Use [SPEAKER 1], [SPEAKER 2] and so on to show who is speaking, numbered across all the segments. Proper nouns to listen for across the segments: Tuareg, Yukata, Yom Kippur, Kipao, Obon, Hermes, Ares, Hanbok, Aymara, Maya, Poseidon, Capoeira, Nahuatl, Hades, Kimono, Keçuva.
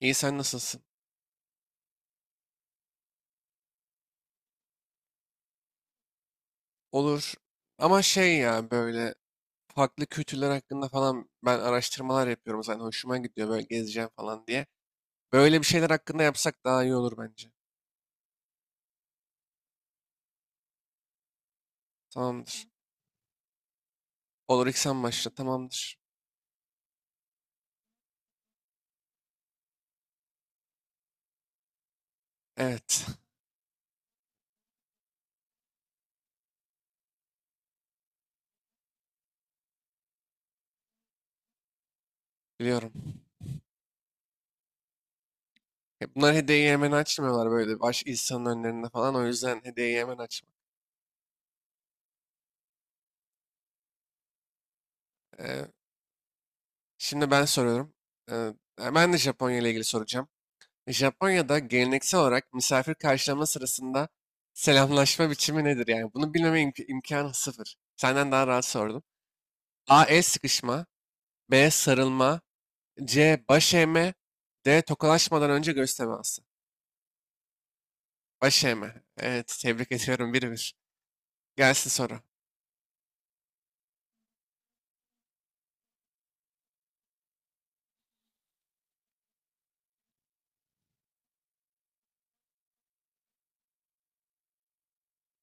[SPEAKER 1] İyi, sen nasılsın? Olur. Ama şey ya, böyle farklı kültürler hakkında falan ben araştırmalar yapıyorum zaten, hoşuma gidiyor böyle, gezeceğim falan diye. Böyle bir şeyler hakkında yapsak daha iyi olur bence. Tamamdır. Olur, ilk sen başla, tamamdır. Evet, biliyorum. Ya, bunlar hediyeyi hemen açmıyorlar, böyle baş insanın önlerinde falan, o yüzden hediyeyi hemen açma. Ee, Şimdi ben soruyorum. Ee, Ben de Japonya ile ilgili soracağım. Japonya'da geleneksel olarak misafir karşılama sırasında selamlaşma biçimi nedir? Yani bunu bilmeme imkanı sıfır. Senden daha rahat sordum. A. El sıkışma. B. Sarılma. C. Baş eğme. D. Tokalaşmadan önce göz teması. Baş eğme. Evet, tebrik ediyorum. 1-1. Gelsin soru.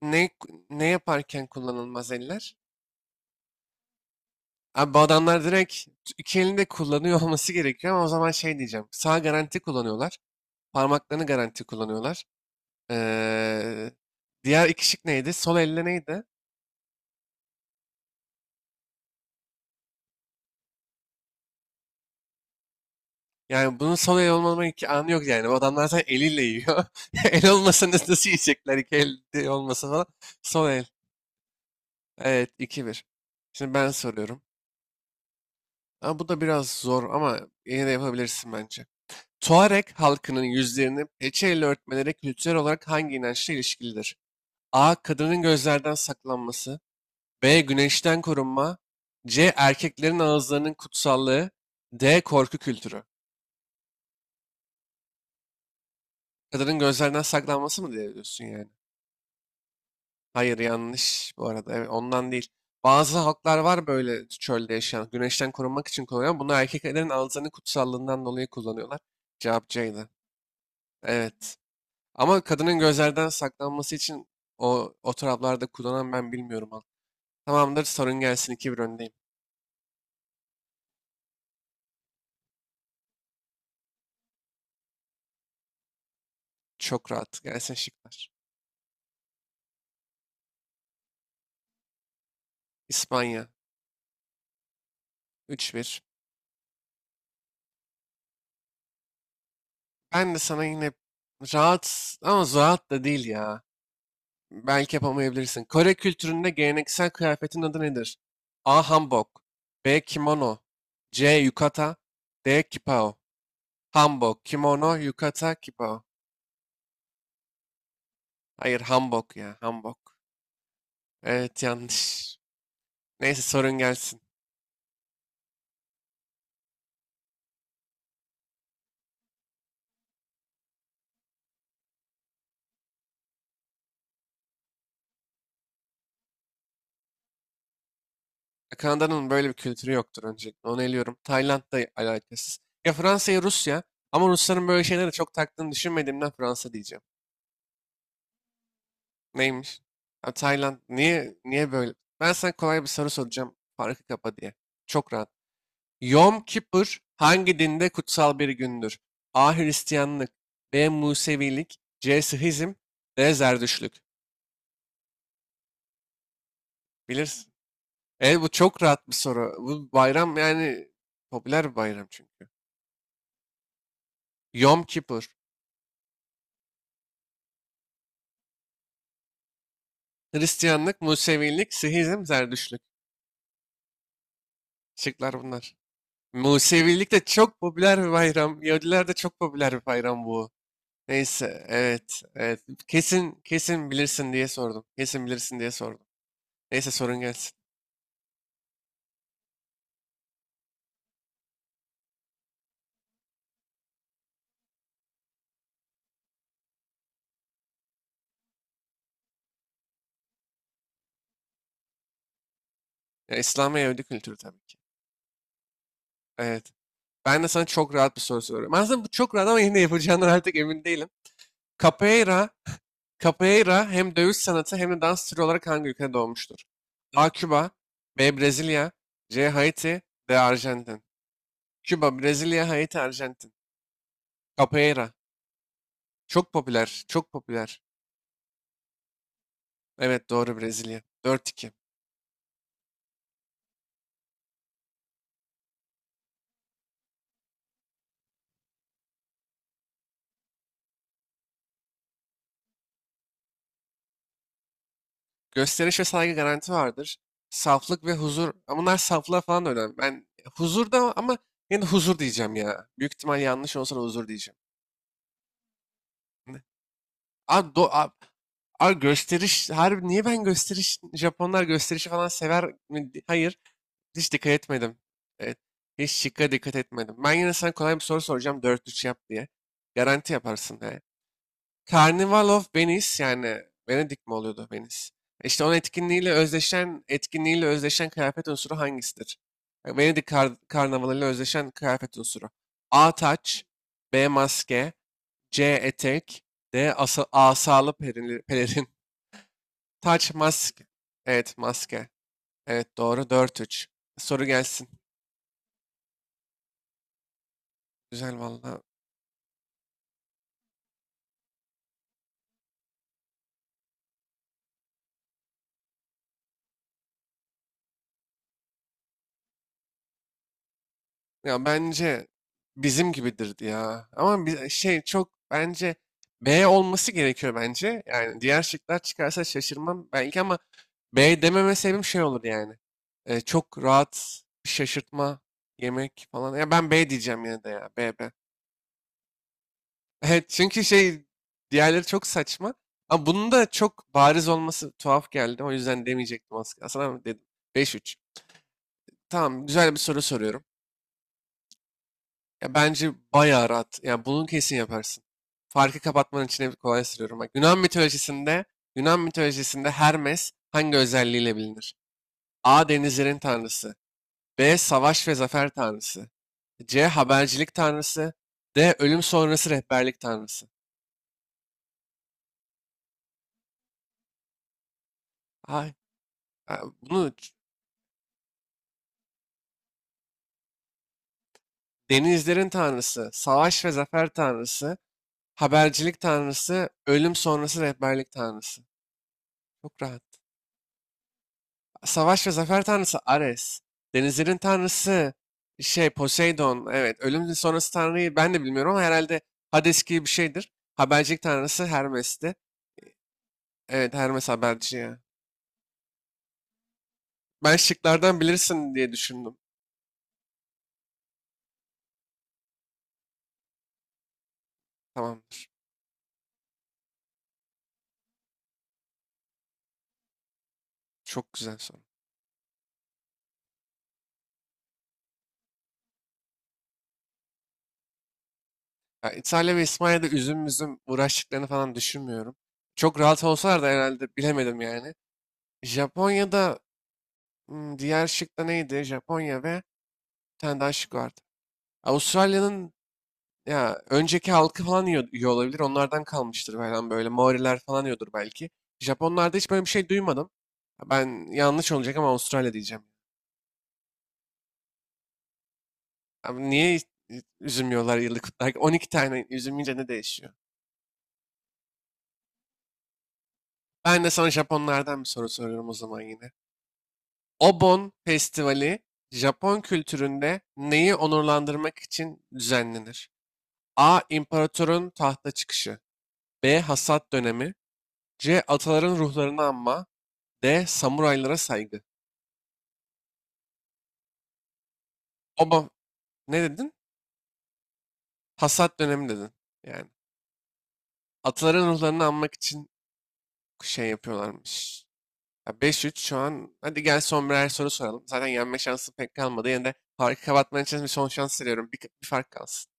[SPEAKER 1] Ne, ne yaparken kullanılmaz eller? Abi, bu adamlar direkt iki elinde kullanıyor olması gerekiyor, ama o zaman şey diyeceğim. Sağ garanti kullanıyorlar. Parmaklarını garanti kullanıyorlar. Eee, Diğer iki şık neydi? Sol elle neydi? Yani bunun sol el olmama iki anı yok yani. Bu adamlar zaten eliyle yiyor. El olmasa nasıl yiyecekler? İki elde olmasa falan. Sol el. Evet, 2-1. Şimdi ben soruyorum. Ama bu da biraz zor, ama yine de yapabilirsin bence. Tuareg halkının yüzlerini peçeyle örtmeleri kültürel olarak hangi inançla ilişkilidir? A. Kadının gözlerden saklanması. B. Güneşten korunma. C. Erkeklerin ağızlarının kutsallığı. D. Korku kültürü. Kadının gözlerinden saklanması mı diye diyorsun yani? Hayır, yanlış bu arada. Evet, ondan değil. Bazı halklar var böyle çölde yaşayan. Güneşten korunmak için kullanıyor. Bunu erkeklerin ağızlarının kutsallığından dolayı kullanıyorlar. Cevap C'ydi. Evet. Ama kadının gözlerden saklanması için o taraflarda kullanan ben bilmiyorum. Halk. Tamamdır, sorun gelsin, 2-1 öndeyim. Çok rahat. Gelsin şıklar. İspanya. 3-1. Ben de sana yine rahat, ama rahat da değil ya. Belki yapamayabilirsin. Kore kültüründe geleneksel kıyafetin adı nedir? A. Hanbok, B. Kimono, C. Yukata, D. Kipao. Hanbok, kimono, yukata, kipao. Hayır, hanbok ya, hanbok. Evet, yanlış. Neyse, sorun gelsin. Kanada'nın böyle bir kültürü yoktur öncelikle. Onu eliyorum. Tayland'da alakasız. Ya Fransa ya Rusya. Ama Rusların böyle şeylere çok taktığını düşünmediğimden Fransa diyeceğim. Neymiş? Ha, Tayland, niye böyle? Ben sana kolay bir soru soracağım. Farkı kapa diye. Çok rahat. Yom Kippur hangi dinde kutsal bir gündür? A. Hristiyanlık, B. Musevilik, C. Sihizm, D. Zerdüştlük. Bilirsin. E, bu çok rahat bir soru. Bu bayram, yani popüler bir bayram çünkü. Yom Kippur. Hristiyanlık, Musevilik, Sihizm, Zerdüştlük. Şıklar bunlar. Musevilik de çok popüler bir bayram. Yahudiler de çok popüler bir bayram bu. Neyse, evet, evet. Kesin, kesin bilirsin diye sordum. Kesin bilirsin diye sordum. Neyse, sorun gelsin. Ya, İslam ve Yahudi kültürü tabii ki. Evet. Ben de sana çok rahat bir soru soruyorum. Aslında bu çok rahat, ama yine de yapacağından artık emin değilim. Capoeira, Capoeira hem dövüş sanatı hem de dans türü olarak hangi ülkede doğmuştur? A. Küba, B. Brezilya, C. Haiti, D. Arjantin. Küba, Brezilya, Haiti, Arjantin. Capoeira. Çok popüler, çok popüler. Evet, doğru. Brezilya. 4-2. Gösteriş ve saygı garanti vardır. Saflık ve huzur. Ama bunlar, saflığa falan da önemli. Ben huzur da, ama yine de huzur diyeceğim ya. Büyük ihtimal yanlış olsa da huzur diyeceğim. Ne? Abi, do, abi, abi gösteriş. Harbi, niye ben gösteriş? Japonlar gösterişi falan sever mi? Hayır. Hiç dikkat etmedim. Evet. Hiç şıkka dikkat etmedim. Ben yine sana kolay bir soru soracağım. 4-3 yap diye. Garanti yaparsın. Yani. Carnival of Venice, yani Venedik mi oluyordu Venice? İşte onun etkinliğiyle özdeşen kıyafet unsuru hangisidir? Venedik karnavalıyla özdeşen kıyafet unsuru. A taç, B maske, C etek, D asalı pelerin. Taç, maske. Evet, maske. Evet, doğru, 4-3. Soru gelsin. Güzel valla. Ya, bence bizim gibidir ya. Ama bir şey, çok bence B olması gerekiyor bence. Yani diğer şıklar çıkarsa şaşırmam belki, ama B dememe sebebim şey olur yani. Çok rahat bir şaşırtma yemek falan. Ya, ben B diyeceğim yine de ya. B, B. Evet, çünkü şey, diğerleri çok saçma. Ama bunun da çok bariz olması tuhaf geldi. O yüzden demeyecektim aslında. Aslında dedim. 5-3. Tamam, güzel bir soru soruyorum. Ya, bence bayağı rahat. Yani bunu kesin yaparsın. Farkı kapatmanın içine kolay sürüyorum. Bak, Yunan mitolojisinde Hermes hangi özelliğiyle bilinir? A. Denizlerin tanrısı. B. Savaş ve zafer tanrısı. C. Habercilik tanrısı. D. Ölüm sonrası rehberlik tanrısı. Ay, a- bunu ç- denizlerin tanrısı, savaş ve zafer tanrısı, habercilik tanrısı, ölüm sonrası rehberlik tanrısı. Çok rahat. Savaş ve zafer tanrısı Ares. Denizlerin tanrısı şey Poseidon. Evet, ölüm sonrası tanrıyı ben de bilmiyorum, ama herhalde Hades gibi bir şeydir. Habercilik tanrısı Hermes'ti. Evet, Hermes haberci ya. Ben şıklardan bilirsin diye düşündüm. Tamam, çok güzel soru. Ya, İtalya ve İspanya'da üzüm üzüm uğraştıklarını falan düşünmüyorum. Çok rahat olsalar da, herhalde bilemedim yani. Japonya'da, diğer şık da neydi? Japonya ve bir tane daha şık vardı. Avustralya'nın ya önceki halkı falan, yiyor, yiyor olabilir. Onlardan kalmıştır falan böyle. Maoriler falan yiyordur belki. Japonlarda hiç böyle bir şey duymadım. Ben yanlış olacak, ama Avustralya diyeceğim. Abi, niye üzüm yiyorlar yıllık olarak? 12 tane üzüm yiyince ne değişiyor? Ben de sana Japonlardan bir soru soruyorum o zaman yine. Obon Festivali Japon kültüründe neyi onurlandırmak için düzenlenir? A. İmparatorun tahta çıkışı. B. Hasat dönemi. C. Ataların ruhlarını anma. D. Samuraylara saygı. Oba Ne dedin? Hasat dönemi dedin. Yani ataların ruhlarını anmak için şey yapıyorlarmış. Ya, 5-3 şu an. Hadi gel, son birer soru soralım. Zaten yenme şansı pek kalmadı. Yine de farkı kapatman için bir son şans veriyorum. Bir, bir fark kalsın.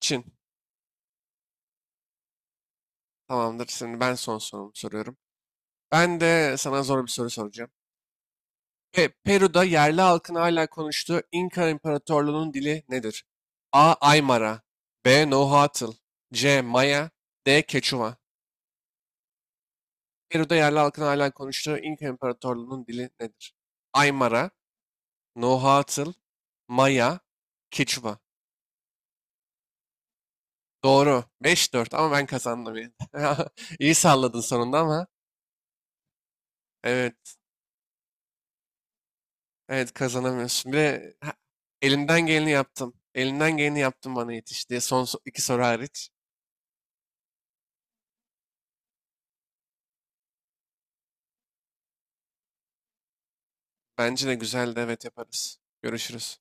[SPEAKER 1] Çin. Tamamdır. Şimdi ben son sorumu soruyorum. Ben de sana zor bir soru soracağım. Peru'da yerli halkın hala konuştuğu İnka İmparatorluğu'nun dili nedir? A. Aymara, B. Nahuatl, C. Maya, D. Keçuva. Peru'da yerli halkın hala konuştuğu İnka İmparatorluğu'nun dili nedir? Aymara, Nahuatl, Maya, Keçuva. Doğru. 5-4, ama ben kazandım yine. İyi salladın sonunda ama. Evet. Evet, kazanamıyorsun. Bir de ha, elimden geleni yaptım. Elimden geleni yaptım bana yetiş diye, son iki soru hariç. Bence de güzeldi. Evet, yaparız. Görüşürüz.